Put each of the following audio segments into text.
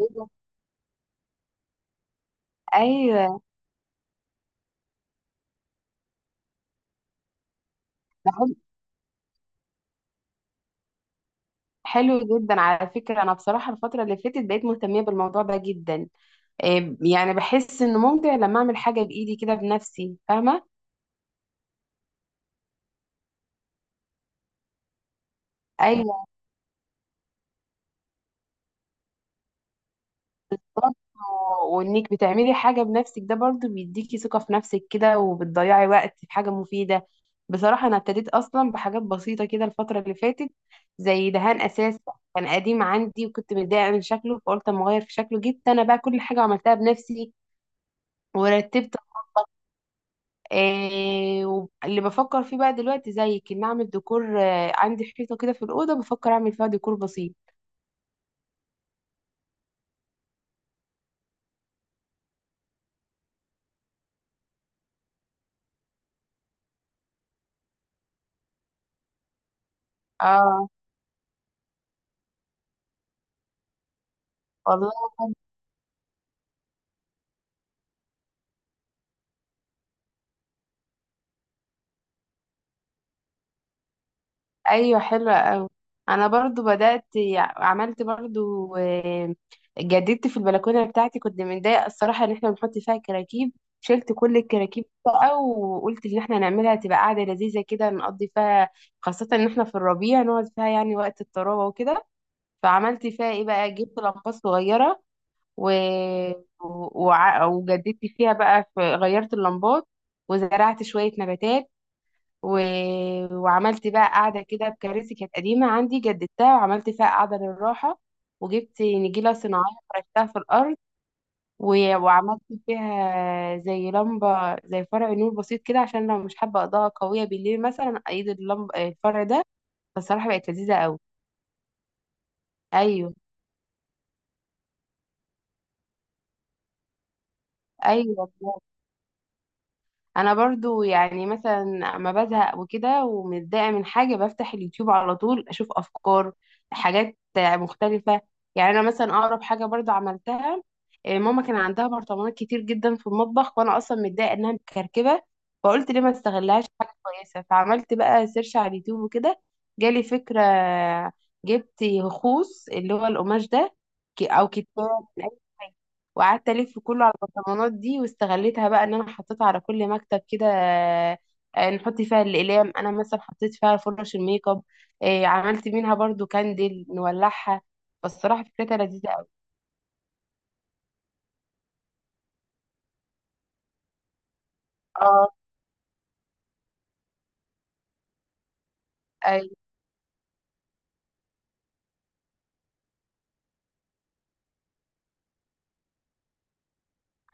إيه ده؟ ايوه، ده حلو. حلو جدا على فكره. انا بصراحه الفتره اللي فاتت بقيت مهتميه بالموضوع ده جدا. إيه يعني، بحس انه ممتع لما اعمل حاجه بايدي كده بنفسي، فاهمه. ايوه، برضه. وانك بتعملي حاجه بنفسك ده برضه بيديكي ثقه في نفسك كده، وبتضيعي وقت في حاجه مفيده. بصراحه انا ابتديت اصلا بحاجات بسيطه كده الفتره اللي فاتت، زي دهان اساس كان قديم عندي وكنت متضايقه من شكله، فقلت اما اغير في شكله. جبت انا بقى كل حاجه عملتها بنفسي ورتبت. آه واللي بفكر فيه بقى دلوقتي زيك ان اعمل ديكور، عندي حيطه كده في الاوضه بفكر اعمل فيها ديكور بسيط. اه، والله. ايوه حلوه قوي. انا برضو بدات، عملت برضو، جددت في البلكونه بتاعتي، كنت متضايقه الصراحه ان احنا بنحط فيها كراكيب. شلت كل الكراكيب بقى وقلت ان احنا نعملها تبقى قاعده لذيذه كده نقضي فيها، خاصه ان احنا في الربيع نقعد فيها يعني وقت الطراوه وكده. فعملت فيها ايه بقى؟ جبت لمبات صغيره و... وجددت فيها بقى، غيرت اللمبات، وزرعت شوية نباتات، و... وعملت بقى قاعدة كده بكراسي كانت قديمة عندي جددتها وعملت فيها قاعدة للراحة، وجبت نجيلة صناعية فرشتها في الأرض، و... وعملت فيها زي لمبة، زي فرع نور بسيط كده، عشان لو مش حابة إضاءة قوية بالليل مثلا أيد اللمبة الفرع ده. فالصراحة بقت لذيذة أوي. أيوه. أيوه انا برضو يعني مثلا اما بزهق وكده ومتضايقه من حاجه بفتح اليوتيوب على طول اشوف افكار، حاجات مختلفه. يعني انا مثلا اقرب حاجه برضو عملتها، إيه، ماما كان عندها برطمانات كتير جدا في المطبخ وانا اصلا متضايقه انها مكركبه، فقلت ليه ما استغلهاش في حاجه كويسه. فعملت بقى سيرش على اليوتيوب وكده، جالي فكره. جبت خوص اللي هو القماش ده، او كتان، وقعدت الف كله على البرطمانات دي واستغليتها بقى ان انا حطيتها على كل مكتب كده. نحط فيها الاقلام، انا مثلا حطيت فيها فرش الميك اب. عملت منها برضو كاندل نولعها. فالصراحه فكرتها لذيذه قوي. اه،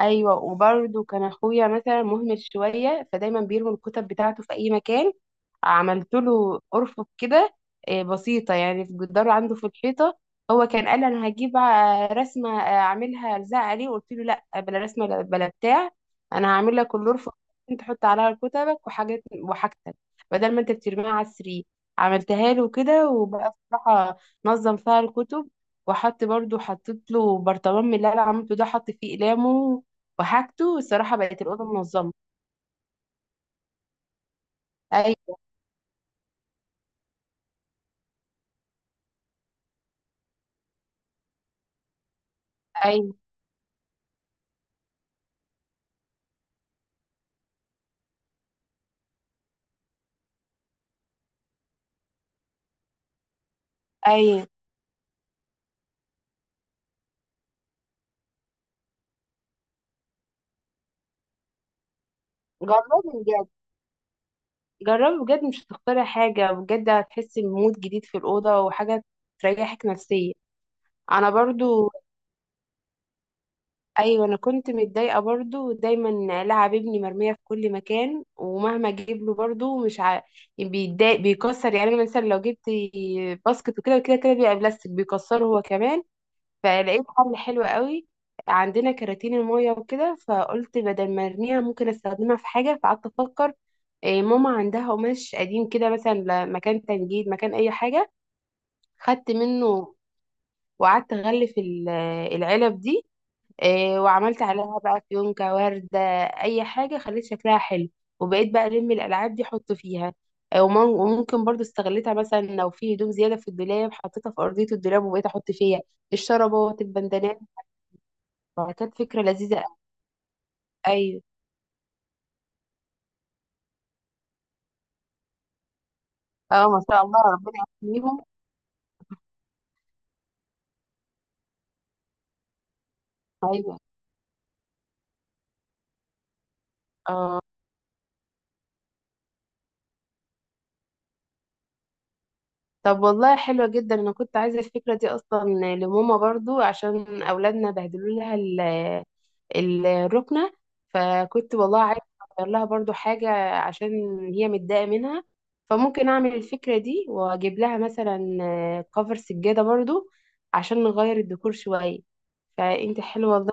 ايوه. وبرده كان اخويا مثلا مهمل شويه فدايما بيرمي الكتب بتاعته في اي مكان. عملت له ارفف كده، بسيطه، يعني في جدار عنده في الحيطه. هو كان قال انا هجيب رسمه، اعملها الزق عليه، قلت له لا بلا رسمه، بلا بتاع، انا هعمل لك الارفف، انت تحط عليها كتبك وحاجات وحاجتك، بدل ما انت بترميها على السرير. عملتها له كده وبقى بصراحه نظم فيها الكتب، وحط برضو، حطيت له برطمان من اللي انا عملته ده، حط فيه اقلامه وحاجته. الصراحة بقت الأوضة منظمة. أي. أي. أي، جربي بجد، جربي بجد، مش هتختاري حاجة بجد، هتحسي بمود جديد في الأوضة وحاجة تريحك نفسيا. أنا برضو، أيوة، أنا كنت متضايقة برضو، دايما لعب ابني مرمية في كل مكان، ومهما أجيب له برضو مش بيتضايق بيكسر. يعني أنا مثلا لو جبت باسكت وكده وكده كده بيبقى بلاستيك بيكسره هو كمان. فلقيت حل حلو قوي، عندنا كراتين المية وكده، فقلت بدل ما ارميها ممكن استخدمها في حاجة. فقعدت افكر، إيه، ماما عندها قماش قديم كده، مثلا مكان تنجيد، مكان اي حاجة، خدت منه وقعدت اغلف العلب دي، إيه، وعملت عليها بقى فيونكة وردة، اي حاجة خليت شكلها حلو. وبقيت بقى الالعاب دي احط فيها، إيه ومم- وممكن برضو استغلتها مثلا لو في هدوم زيادة في الدولاب حطيتها في ارضية الدولاب وبقيت احط فيها الشرابات البندانات. فكانت فكرة لذيذة أوي. أيوة. اه، ما شاء الله، ربنا يحميهم. أيوة. اه، طب والله حلوة جدا، أنا كنت عايزة الفكرة دي أصلا لماما برضو عشان أولادنا بهدلوا لها الركنة. فكنت والله عايزة أغير لها برضو حاجة، عشان هي متضايقة منها. فممكن أعمل الفكرة دي وأجيب لها مثلا كفر سجادة برضو عشان نغير الديكور شوية. فأنت حلوة والله.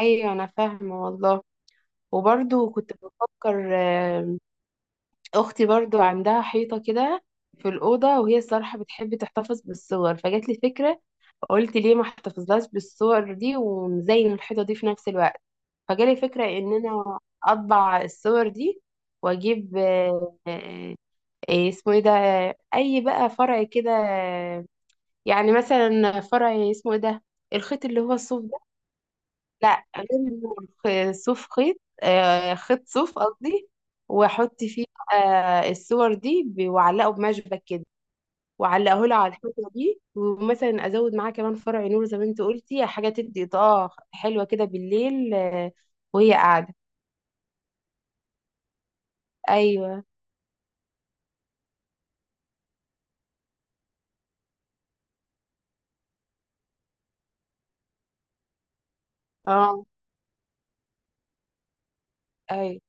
أيوة، أنا فاهمة والله. وبرضو كنت بفكر، اختي برضو عندها حيطه كده في الاوضه، وهي الصراحه بتحب تحتفظ بالصور، فجات لي فكره، قلت ليه ما احتفظلهاش بالصور دي ومزين الحيطه دي في نفس الوقت. فجالي فكره ان انا اطبع الصور دي واجيب اسمه ايه ده، اي بقى فرع كده، يعني مثلا فرع اسمه ايه ده، الخيط اللي هو الصوف ده، لا غير، صوف خيط، خيط صوف قصدي. واحط فيه بقى الصور دي، واعلقه بمشبك كده، واعلقه له على الحيطه دي، ومثلا ازود معاه كمان فرع نور زي ما انت قلتي، حاجه تدي اضاءه حلوه كده بالليل. وهي قاعده. ايوه. اه. ايوه.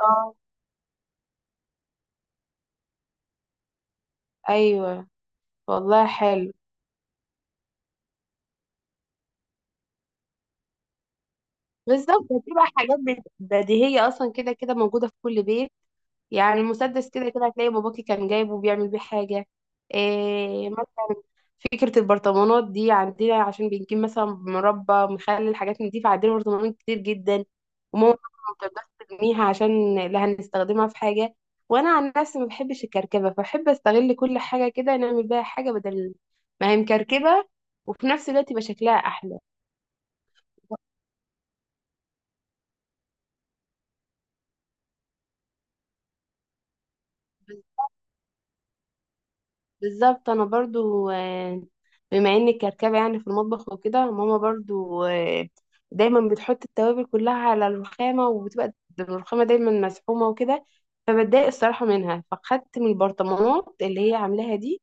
اه. ايوه والله، حلو. بالظبط بتبقى حاجات بديهية أصلا كده كده موجودة في كل بيت، يعني المسدس كده كده هتلاقي باباكي كان جايبه بيعمل بيه حاجة. إيه مثلا فكرة البرطمانات دي عندنا عشان بنجيب مثلا مربى، مخلل، حاجات من دي، فعندنا برطمانات كتير جدا. وماما طبعاً ما بتقدرش ترميها عشان لا، هنستخدمها في حاجة. وأنا عن نفسي ما بحبش الكركبة، فبحب أستغل كل حاجة كده، نعمل بيها حاجة بدل ما هي مكركبة، وفي نفس الوقت يبقى شكلها أحلى. بالظبط. انا برضو، بما انك كركبه يعني في المطبخ وكده، ماما برضو دايما بتحط التوابل كلها على الرخامه، وبتبقى الرخامه دايما مسحومه وكده، فبتضايق الصراحه منها. فخدت من البرطمانات اللي هي عاملاها دي،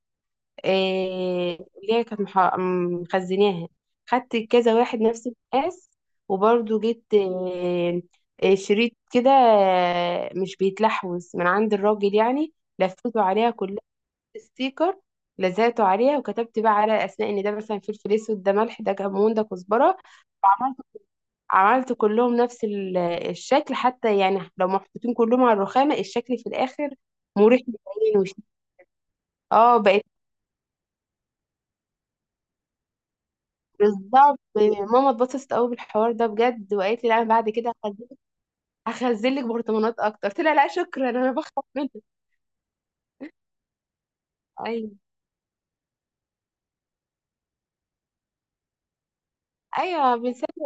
اللي هي كانت مخزناها. خدت كذا واحد نفس المقاس. وبرضو جبت شريط كده، مش بيتلحوز من عند الراجل، يعني لفيته عليها كلها، ستيكر، لزقته عليها. وكتبت بقى على الاسماء ان ده مثلا فلفل اسود، ده ملح، ده كمون، ده كزبره. عملت عملت كلهم نفس الشكل، حتى يعني لو محطوطين كلهم على الرخامه الشكل في الاخر مريح للعين وشي. اه، بقت، بالظبط. ماما اتبسطت قوي بالحوار ده بجد، وقالت لي لا انا بعد كده هخزن لك برطمانات اكتر، قلت لها لا شكرا انا بخاف منك. ايوه. ايوه بنسلي.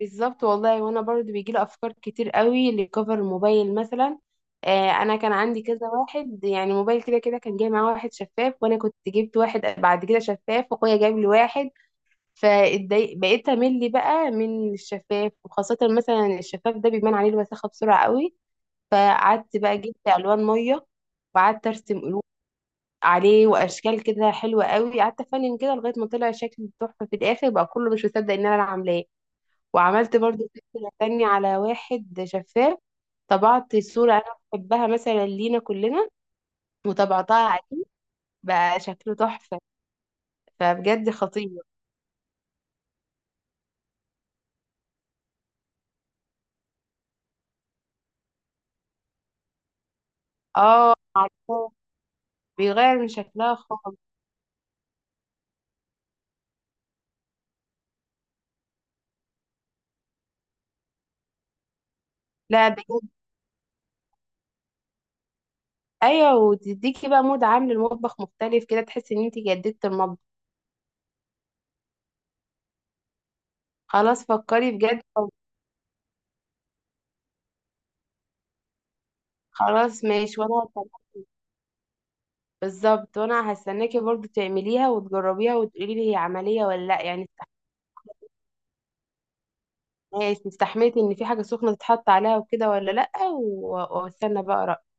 بالظبط والله. وانا برضو بيجيلي افكار كتير قوي لكفر الموبايل مثلا. انا كان عندي كذا واحد يعني موبايل، كده كده كان جاي معاه واحد شفاف، وانا كنت جبت واحد بعد كده شفاف، واخويا جاب لي واحد، فاتضايق بقيت امل بقى من الشفاف، وخاصه مثلا الشفاف ده بيبان عليه الوساخه بسرعه قوي. فقعدت بقى، جبت الوان ميه وقعدت ارسم قلوب عليه واشكال كده حلوه قوي، قعدت افنن كده لغايه ما طلع شكل تحفه في الاخر، بقى كله مش مصدق ان انا اللي عاملاه. وعملت برضو فكرة تانية على واحد شفاف، طبعت صورة أنا بحبها مثلا لينا كلنا وطبعتها عليه، بقى شكله تحفة. فبجد خطير. اه عارفاه، بيغير من شكلها خالص. لا بجد، ايوه، وتديكي بقى مود عام للمطبخ مختلف كده، تحسي ان انت جددت المطبخ. خلاص فكري بجد. خلاص ماشي وانا بالظبط وانا هستناكي برضو تعمليها وتجربيها وتقولي لي هي عملية ولا لا يعني. ماشي، استحميتي ان في حاجة سخنة تتحط عليها وكده ولا لأ، واستنى بقى رأيك.